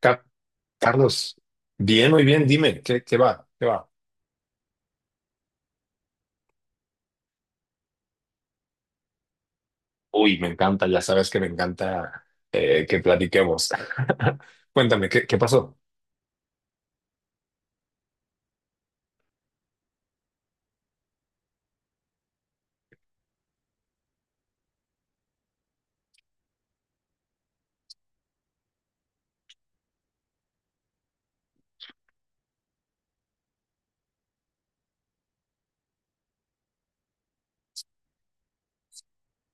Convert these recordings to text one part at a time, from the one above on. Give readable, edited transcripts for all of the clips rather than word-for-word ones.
Ca- Carlos, bien, muy bien, dime, ¿qué va? ¿Qué va? Uy, me encanta, ya sabes que me encanta, que platiquemos. Cuéntame, ¿qué pasó?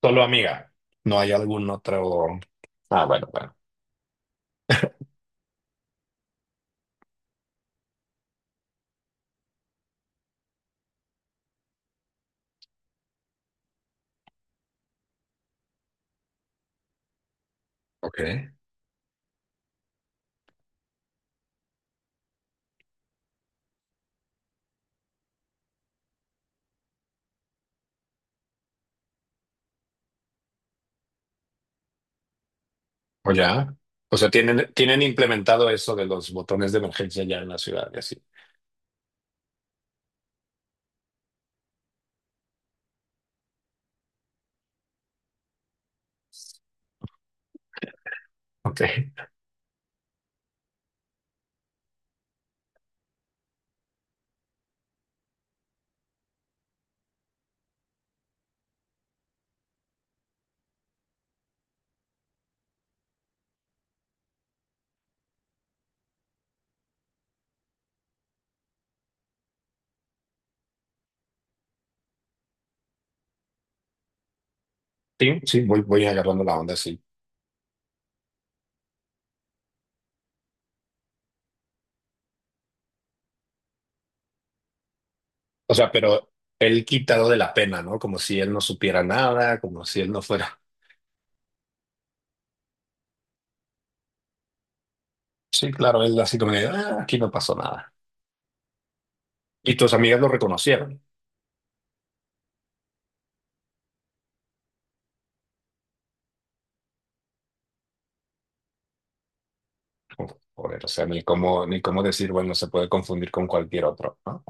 Solo amiga, ¿no hay algún otro? Ah, bueno, bueno, ok. ¿O ya? O sea, tienen implementado eso de los botones de emergencia ya en la ciudad y así. Ok. Sí, sí, voy agarrando la onda, sí. O sea, pero él quitado de la pena, ¿no? Como si él no supiera nada, como si él no fuera. Sí, claro, él así como de, "Ah, aquí no pasó nada. Y tus amigas lo reconocieron. Uf, joder, o sea, ni cómo decir, bueno, se puede confundir con cualquier otro, ¿no?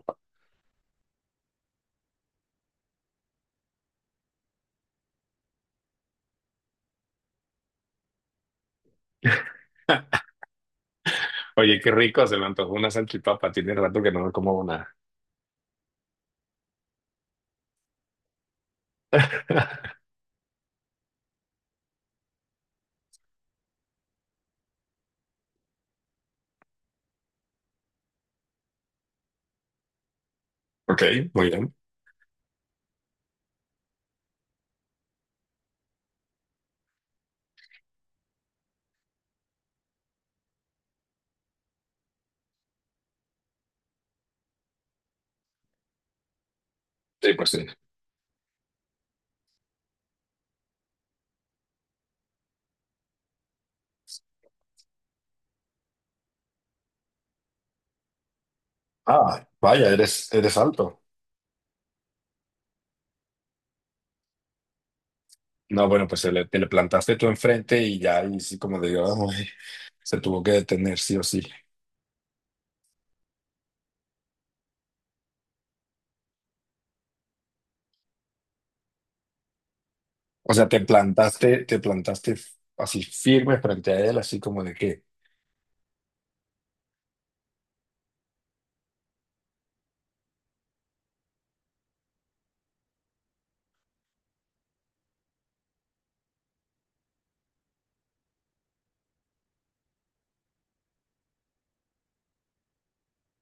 Oye, qué rico, se me antojó una salchipapa. Tiene rato que no me como una. Ok, muy bien. Sí, pues sí. Ah, vaya, eres alto. No, bueno, pues te le plantaste tú enfrente y ya, y sí, como digo, ay, se tuvo que detener, sí o sí. O sea, te plantaste así firme frente a él, así como de qué.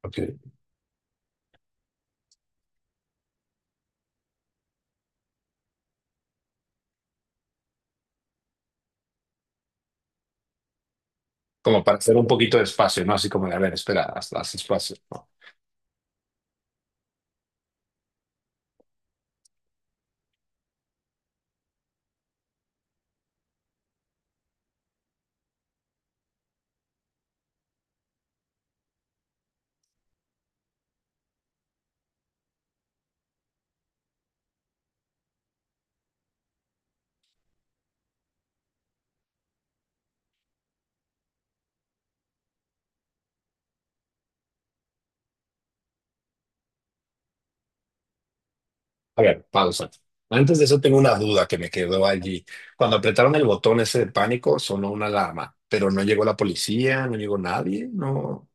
Ok. Como para hacer un poquito de espacio, ¿no? Así como de, a ver, espera, haz espacio, ¿no? A ver, pausa. Antes de eso tengo una duda que me quedó allí. Cuando apretaron el botón ese de pánico, sonó una alarma, pero no llegó la policía, no llegó nadie, no.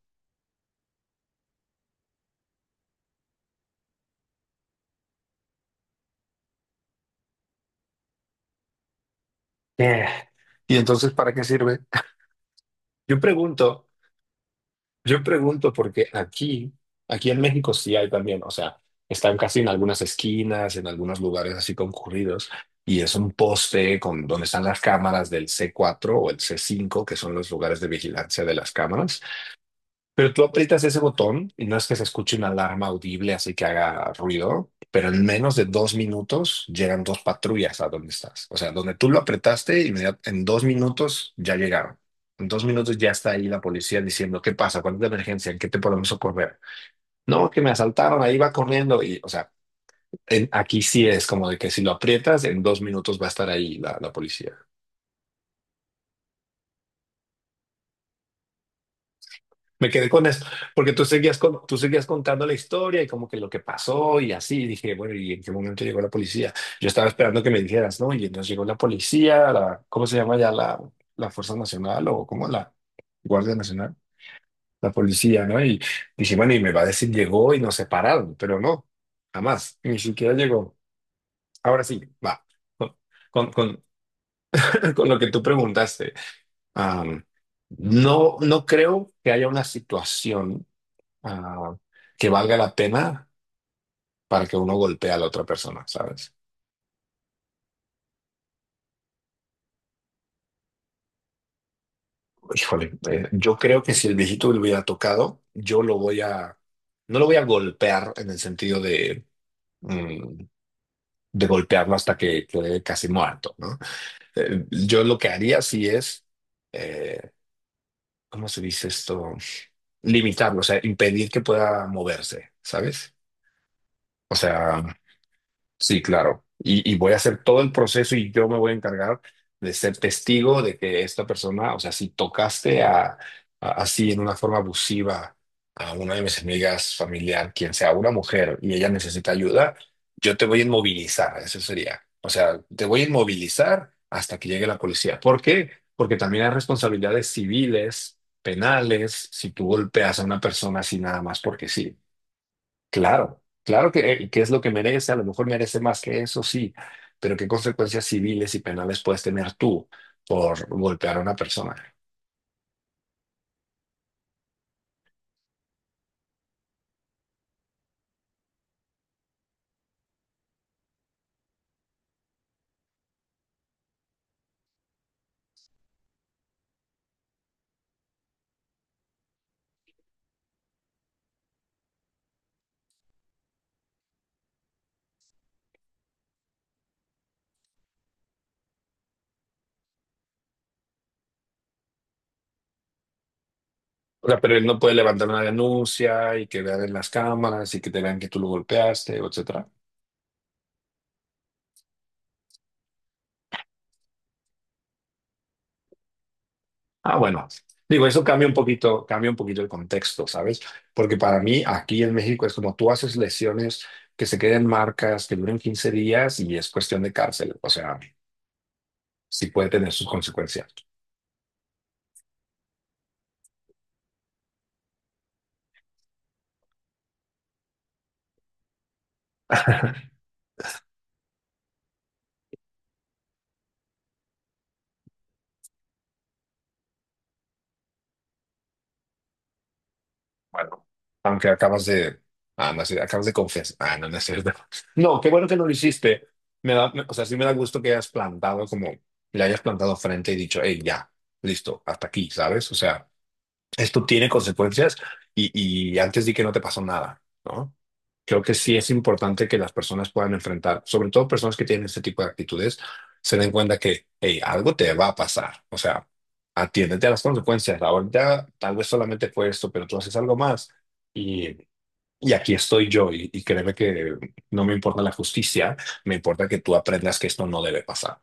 Eh. ¿Y entonces para qué sirve? Yo pregunto, Yo pregunto porque aquí en México sí hay también, o sea, están casi en algunas esquinas, en algunos lugares así concurridos, y es un poste con donde están las cámaras del C4 o el C5, que son los lugares de vigilancia de las cámaras, pero tú aprietas ese botón y no es que se escuche una alarma audible así que haga ruido, pero en menos de 2 minutos llegan dos patrullas a donde estás. O sea, donde tú lo apretaste, en 2 minutos ya llegaron. En 2 minutos ya está ahí la policía diciendo, ¿qué pasa? ¿Cuál es la emergencia? ¿En qué te podemos socorrer? No, que me asaltaron, ahí va corriendo. Y, o sea, aquí sí es como de que si lo aprietas, en 2 minutos va a estar ahí la policía. Me quedé con esto, porque tú seguías, tú seguías contando la historia y como que lo que pasó y así. Y dije, bueno, ¿y en qué momento llegó la policía? Yo estaba esperando que me dijeras, ¿no? Y entonces llegó la policía, la, ¿cómo se llama ya? La, la Fuerza Nacional o cómo la Guardia Nacional, la policía, ¿no? Y dije, bueno, y me va a decir, llegó y nos separaron, pero no, jamás, ni siquiera llegó. Ahora sí, va, con, con, con- con lo que tú preguntaste. Am, no, no creo que haya una situación ah, que valga la pena para que uno golpee a la otra persona, ¿sabes? Híjole, yo creo que si el viejito le hubiera tocado, yo lo voy a, no lo voy a golpear en el sentido de, mm, de golpearlo hasta que quede casi muerto, ¿no? Yo lo que haría sí es, eh, ¿cómo se dice esto? Limitarlo, o sea, impedir que pueda moverse, ¿sabes? O sea, sí, claro. Y voy a hacer todo el proceso y yo me voy a encargar de ser testigo de que esta persona, o sea, si tocaste a, así en una forma abusiva a una de mis amigas familiar, quien sea una mujer y ella necesita ayuda, yo te voy a inmovilizar, eso sería. O sea, te voy a inmovilizar hasta que llegue la policía. ¿Por qué? Porque también hay responsabilidades civiles, penales, si tú golpeas a una persona así nada más porque sí. Claro, claro que es lo que merece, a lo mejor merece más que eso, sí, pero ¿qué consecuencias civiles y penales puedes tener tú por golpear a una persona? O sea, pero él no puede levantar una denuncia y que vean en las cámaras y que te vean que tú lo golpeaste, etcétera. Ah, bueno, digo, eso cambia un poquito el contexto, ¿sabes? Porque para mí aquí en México es como tú haces lesiones que se queden marcas, que duren 15 días y es cuestión de cárcel, o sea, sí puede tener sus consecuencias. Bueno, aunque acabas de. Ah, no, sí, acabas de confesar. Ah, no, no es cierto. No, qué bueno que no lo hiciste. O sea, sí me da gusto que hayas plantado como. Le hayas plantado frente y dicho, hey, ya, listo, hasta aquí, ¿sabes? O sea, esto tiene consecuencias y antes di que no te pasó nada, ¿no? Creo que sí es importante que las personas puedan enfrentar, sobre todo personas que tienen este tipo de actitudes, se den cuenta que, hey, algo te va a pasar. O sea, atiéndete a las consecuencias. Ahorita tal vez solamente fue esto, pero tú haces algo más y, y aquí estoy yo. Y créeme que no me importa la justicia, me importa que tú aprendas que esto no debe pasar.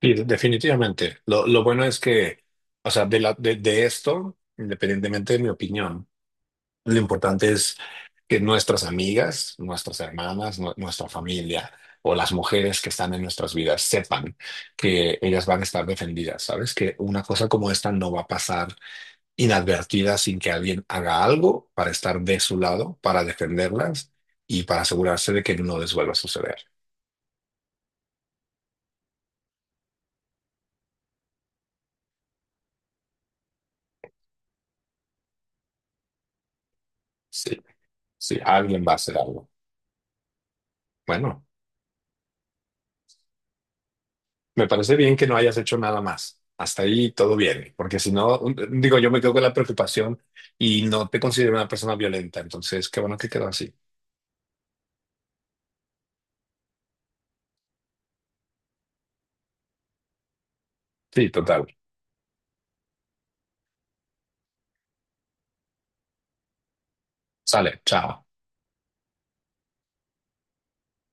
Sí, definitivamente. Lo bueno es que, o sea, de esto, independientemente de mi opinión, lo importante es que nuestras amigas, nuestras hermanas, nuestra familia o las mujeres que están en nuestras vidas sepan que ellas van a estar defendidas, ¿sabes? Que una cosa como esta no va a pasar inadvertida sin que alguien haga algo para estar de su lado, para defenderlas y para asegurarse de que no les vuelva a suceder. Sí, sí, alguien va a hacer algo. Bueno. Me parece bien que no hayas hecho nada más. Hasta ahí todo bien, porque si no, digo, yo me quedo con la preocupación y no te considero una persona violenta, entonces qué bueno que quedó así. Sí, total. Sale, chao.